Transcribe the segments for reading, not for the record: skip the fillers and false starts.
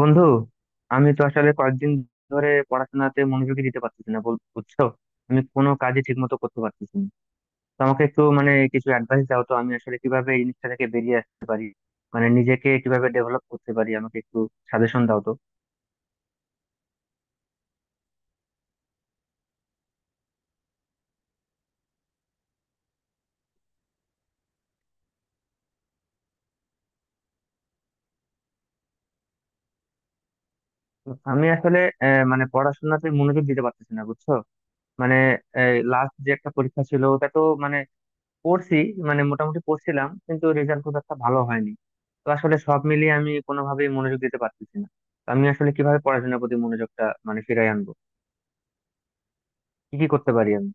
বন্ধু, আমি তো আসলে কয়েকদিন ধরে পড়াশোনাতে মনোযোগী দিতে পারতেছি না, বুঝছো? আমি কোনো কাজে ঠিক মতো করতে পারতেছি না। তো আমাকে একটু কিছু অ্যাডভাইস দাও তো, আমি আসলে কিভাবে এই জিনিসটা থেকে বেরিয়ে আসতে পারি, নিজেকে কিভাবে ডেভেলপ করতে পারি, আমাকে একটু সাজেশন দাও তো। আমি আসলে আহ, মানে পড়াশোনাতে মনোযোগ দিতে পারতেছি না, বুঝছো। মানে লাস্ট যে একটা পরীক্ষা ছিল, ওটা তো পড়ছি, মোটামুটি পড়ছিলাম, কিন্তু রেজাল্ট খুব একটা ভালো হয়নি। তো আসলে সব মিলিয়ে আমি কোনোভাবেই মনোযোগ দিতে পারতেছি না। তো আমি আসলে কিভাবে পড়াশোনার প্রতি মনোযোগটা ফিরাই আনবো, কি কি করতে পারি আমি?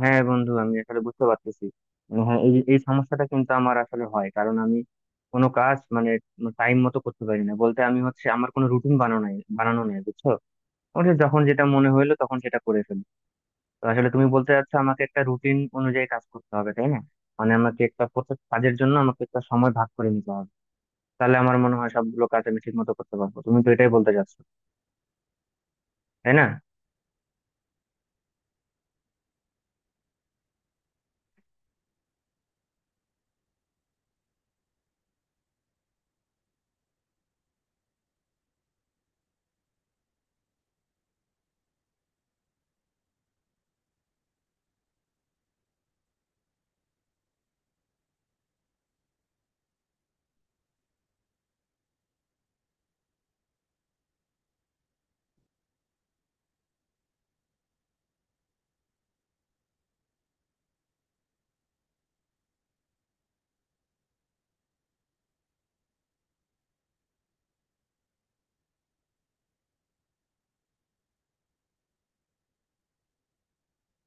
হ্যাঁ বন্ধু, আমি আসলে বুঝতে পারতেছি। হ্যাঁ, এই এই সমস্যাটা কিন্তু আমার আসলে হয়, কারণ আমি কোনো কাজ টাইম মতো করতে পারি না। বলতে আমি হচ্ছে আমার কোনো রুটিন বানানো নাই, বানানো নাই, বুঝছো। আমার যখন যেটা মনে হইলো তখন সেটা করে ফেলি। তো আসলে তুমি বলতে চাচ্ছ আমাকে একটা রুটিন অনুযায়ী কাজ করতে হবে, তাই না? আমাকে একটা প্রত্যেক কাজের জন্য আমাকে একটা সময় ভাগ করে নিতে হবে, তাহলে আমার মনে হয় সবগুলো কাজ আমি ঠিক মতো করতে পারবো। তুমি তো এটাই বলতে চাচ্ছ, তাই না?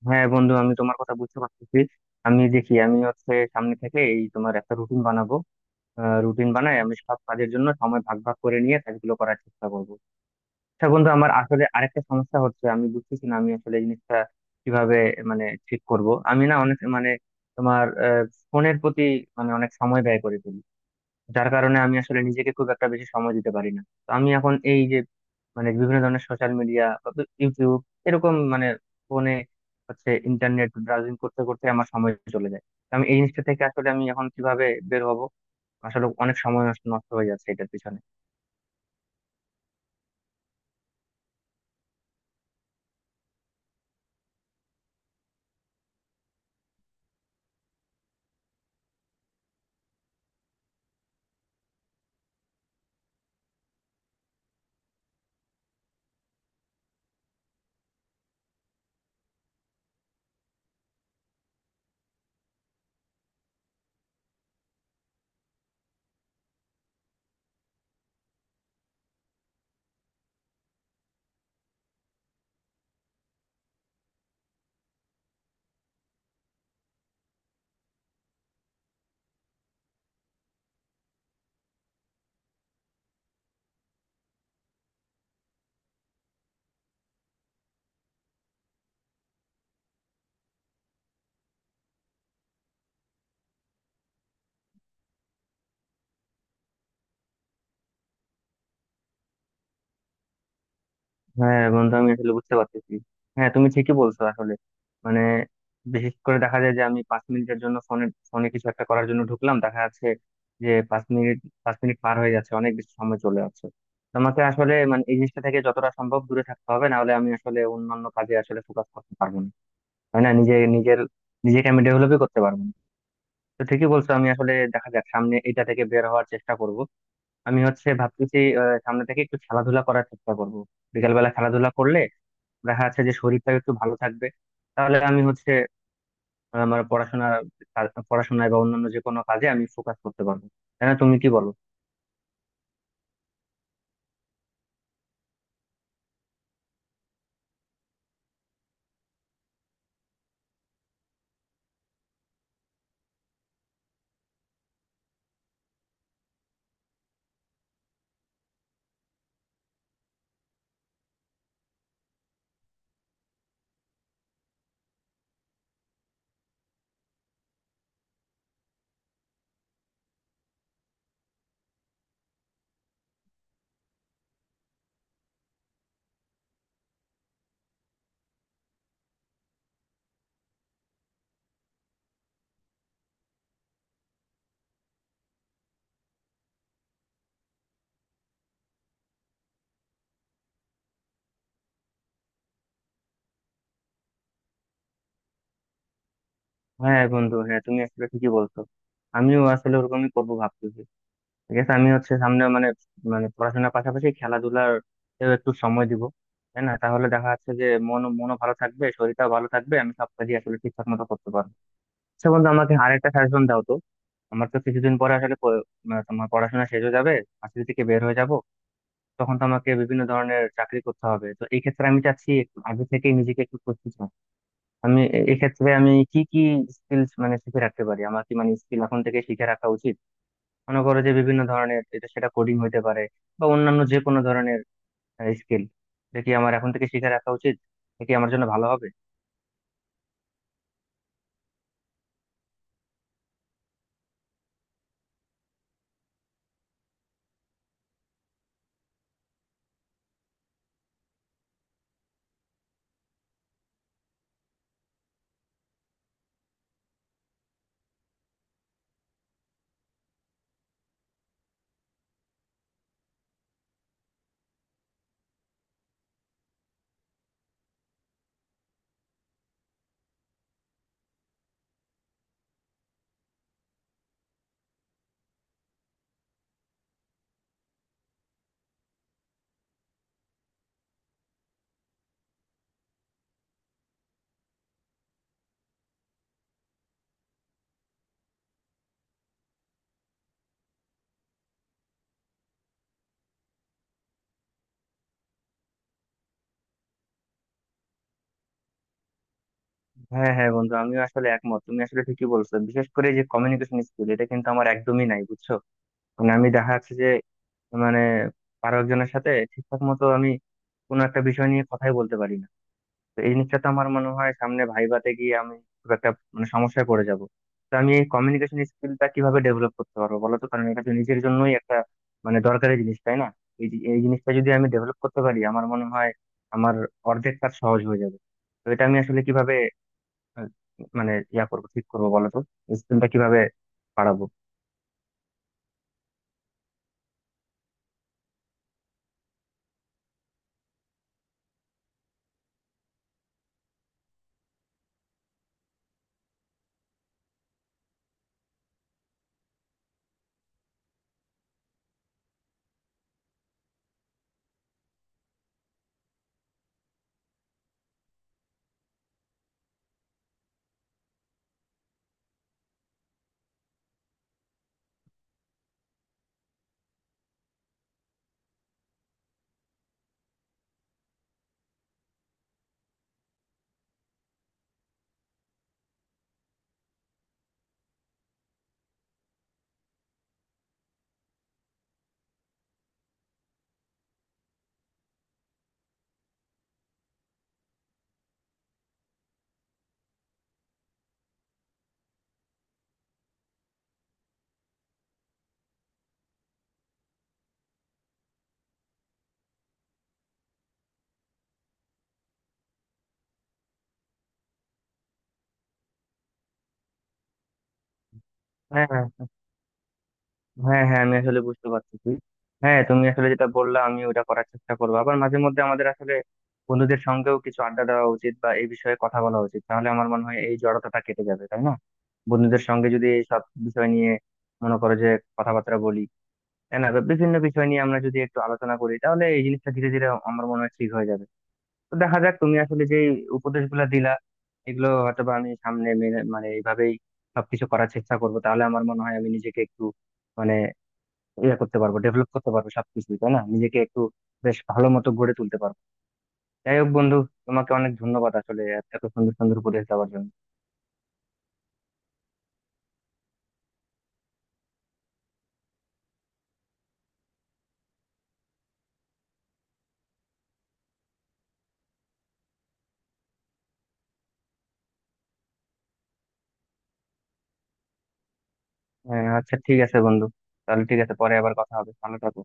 হ্যাঁ বন্ধু, আমি তোমার কথা বুঝতে পারতেছি। আমি দেখি আমি হচ্ছে সামনে থেকে এই তোমার একটা রুটিন বানাবো, রুটিন বানাই, আমি সব কাজের জন্য সময় ভাগ ভাগ করে নিয়ে কাজগুলো করার চেষ্টা করবো। আচ্ছা বন্ধু, আমার আসলে আরেকটা সমস্যা হচ্ছে, আমি বুঝতেছি না আমি আসলে এই জিনিসটা কিভাবে ঠিক করব। আমি না অনেক তোমার ফোনের প্রতি অনেক সময় ব্যয় করে ফেলি, যার কারণে আমি আসলে নিজেকে খুব একটা বেশি সময় দিতে পারি না। তো আমি এখন এই যে বিভিন্ন ধরনের সোশ্যাল মিডিয়া, ইউটিউব, এরকম ফোনে হচ্ছে ইন্টারনেট ব্রাউজিং করতে করতে আমার সময় চলে যায়। তো আমি এই জিনিসটা থেকে আসলে আমি এখন কিভাবে বের হব? আসলে অনেক সময় নষ্ট নষ্ট হয়ে যাচ্ছে এটার পিছনে। হ্যাঁ বন্ধু, আমি আসলে বুঝতে পারতেছি। হ্যাঁ, তুমি ঠিকই বলছো আসলে। মানে বিশেষ করে দেখা যায় যে আমি 5 মিনিটের জন্য ফোনে, কিছু একটা করার জন্য ঢুকলাম, দেখা যাচ্ছে যে 5 মিনিট, পাঁচ মিনিট পার হয়ে যাচ্ছে, অনেক বেশি সময় চলে যাচ্ছে। তোমাকে আসলে এই জিনিসটা থেকে যতটা সম্ভব দূরে থাকতে হবে, না হলে আমি আসলে অন্যান্য কাজে আসলে ফোকাস করতে পারবো না, তাই না? নিজেকে আমি ডেভেলপই করতে পারবো না। তো ঠিকই বলছো, আমি আসলে দেখা যাক সামনে এটা থেকে বের হওয়ার চেষ্টা করব। আমি হচ্ছে ভাবতেছি সামনে থেকে একটু খেলাধুলা করার চেষ্টা করব। বিকালবেলা খেলাধুলা করলে দেখা যাচ্ছে যে শরীরটাও একটু ভালো থাকবে, তাহলে আমি হচ্ছে আমার পড়াশোনায় বা অন্যান্য যে কোনো কাজে আমি ফোকাস করতে পারবো, তাই না? তুমি কি বলো? হ্যাঁ বন্ধু, হ্যাঁ তুমি আসলে ঠিকই বলছো, আমিও আসলে ওরকমই করবো ভাবতেছি। ঠিক আছে, আমি হচ্ছে সামনে মানে মানে পড়াশোনার পাশাপাশি খেলাধুলার একটু সময় দিব, তাই না? তাহলে দেখা যাচ্ছে যে মনও ভালো থাকবে, শরীরটাও ভালো থাকবে, আমি সব কাজই আসলে ঠিকঠাক মতো করতে পারবো। আচ্ছা বন্ধু, আমাকে আরেকটা সাজেশন দাও তো। আমার তো কিছুদিন পরে আসলে প- মানে তোমার পড়াশোনা শেষ হয়ে যাবে, ভার্সিটি থেকে বের হয়ে যাব, তখন তো আমাকে বিভিন্ন ধরনের চাকরি করতে হবে। তো এই ক্ষেত্রে আমি চাচ্ছি একটু আগে থেকে নিজেকে একটু প্রস্তুত হওয়া। এক্ষেত্রে আমি কি কি স্কিলস শিখে রাখতে পারি, আমার কি স্কিল এখন থেকে শিখে রাখা উচিত? মনে করো যে বিভিন্ন ধরনের এটা সেটা, কোডিং হতে পারে বা অন্যান্য যে কোনো ধরনের স্কিল, এটা কি আমার এখন থেকে শিখে রাখা উচিত? এটা কি আমার জন্য ভালো হবে? হ্যাঁ হ্যাঁ বন্ধু, আমিও আসলে একমত, তুমি আসলে ঠিকই বলছো। বিশেষ করে যে কমিউনিকেশন স্কিল, এটা কিন্তু আমার একদমই নাই, বুঝছো। আমি দেখা যাচ্ছে যে মানে আরো একজনের সাথে ঠিকঠাক মতো আমি কোনো একটা বিষয় নিয়ে কথাই বলতে পারি না। তো এই জিনিসটা তো আমার মনে হয় সামনে ভাইভাতে গিয়ে আমি খুব একটা সমস্যায় পড়ে যাব। তো আমি এই কমিউনিকেশন স্কিলটা কিভাবে ডেভেলপ করতে পারবো, বলো তো? কারণ এটা তো নিজের জন্যই একটা দরকারি জিনিস, তাই না? এই জিনিসটা যদি আমি ডেভেলপ করতে পারি, আমার মনে হয় আমার অর্ধেক কাজ সহজ হয়ে যাবে। তো এটা আমি আসলে কিভাবে আহ, মানে ইয়া করবো, ঠিক করবো, বলো তো? স্কিলটা কিভাবে বাড়াবো? হ্যাঁ হ্যাঁ হ্যাঁ আমি আসলে বুঝতে পারতেছি। হ্যাঁ তুমি আসলে যেটা বললা আমি ওটা করার চেষ্টা করবো। আবার মাঝে মধ্যে আমাদের আসলে বন্ধুদের সঙ্গেও কিছু আড্ডা দেওয়া উচিত বা এই বিষয়ে কথা বলা উচিত, তাহলে আমার মনে হয় এই জড়তাটা কেটে যাবে, তাই না? বন্ধুদের সঙ্গে যদি এই সব বিষয় নিয়ে মনে করো যে কথাবার্তা বলি, তাই না? বা বিভিন্ন বিষয় নিয়ে আমরা যদি একটু আলোচনা করি, তাহলে এই জিনিসটা ধীরে ধীরে আমার মনে হয় ঠিক হয়ে যাবে। তো দেখা যাক, তুমি আসলে যে উপদেশগুলো দিলা, এগুলো হয়তো বা আমি সামনে মেনে মানে এইভাবেই সবকিছু করার চেষ্টা করবো, তাহলে আমার মনে হয় আমি নিজেকে একটু মানে ইয়ে করতে পারবো, ডেভেলপ করতে পারবো সবকিছুই, তাই না? নিজেকে একটু বেশ ভালো মতো গড়ে তুলতে পারবো। যাই হোক বন্ধু, তোমাকে অনেক ধন্যবাদ আসলে এত সুন্দর সুন্দর উপদেশ দেওয়ার জন্য। আচ্ছা ঠিক আছে বন্ধু, তাহলে ঠিক আছে, পরে আবার কথা হবে, ভালো থাকো।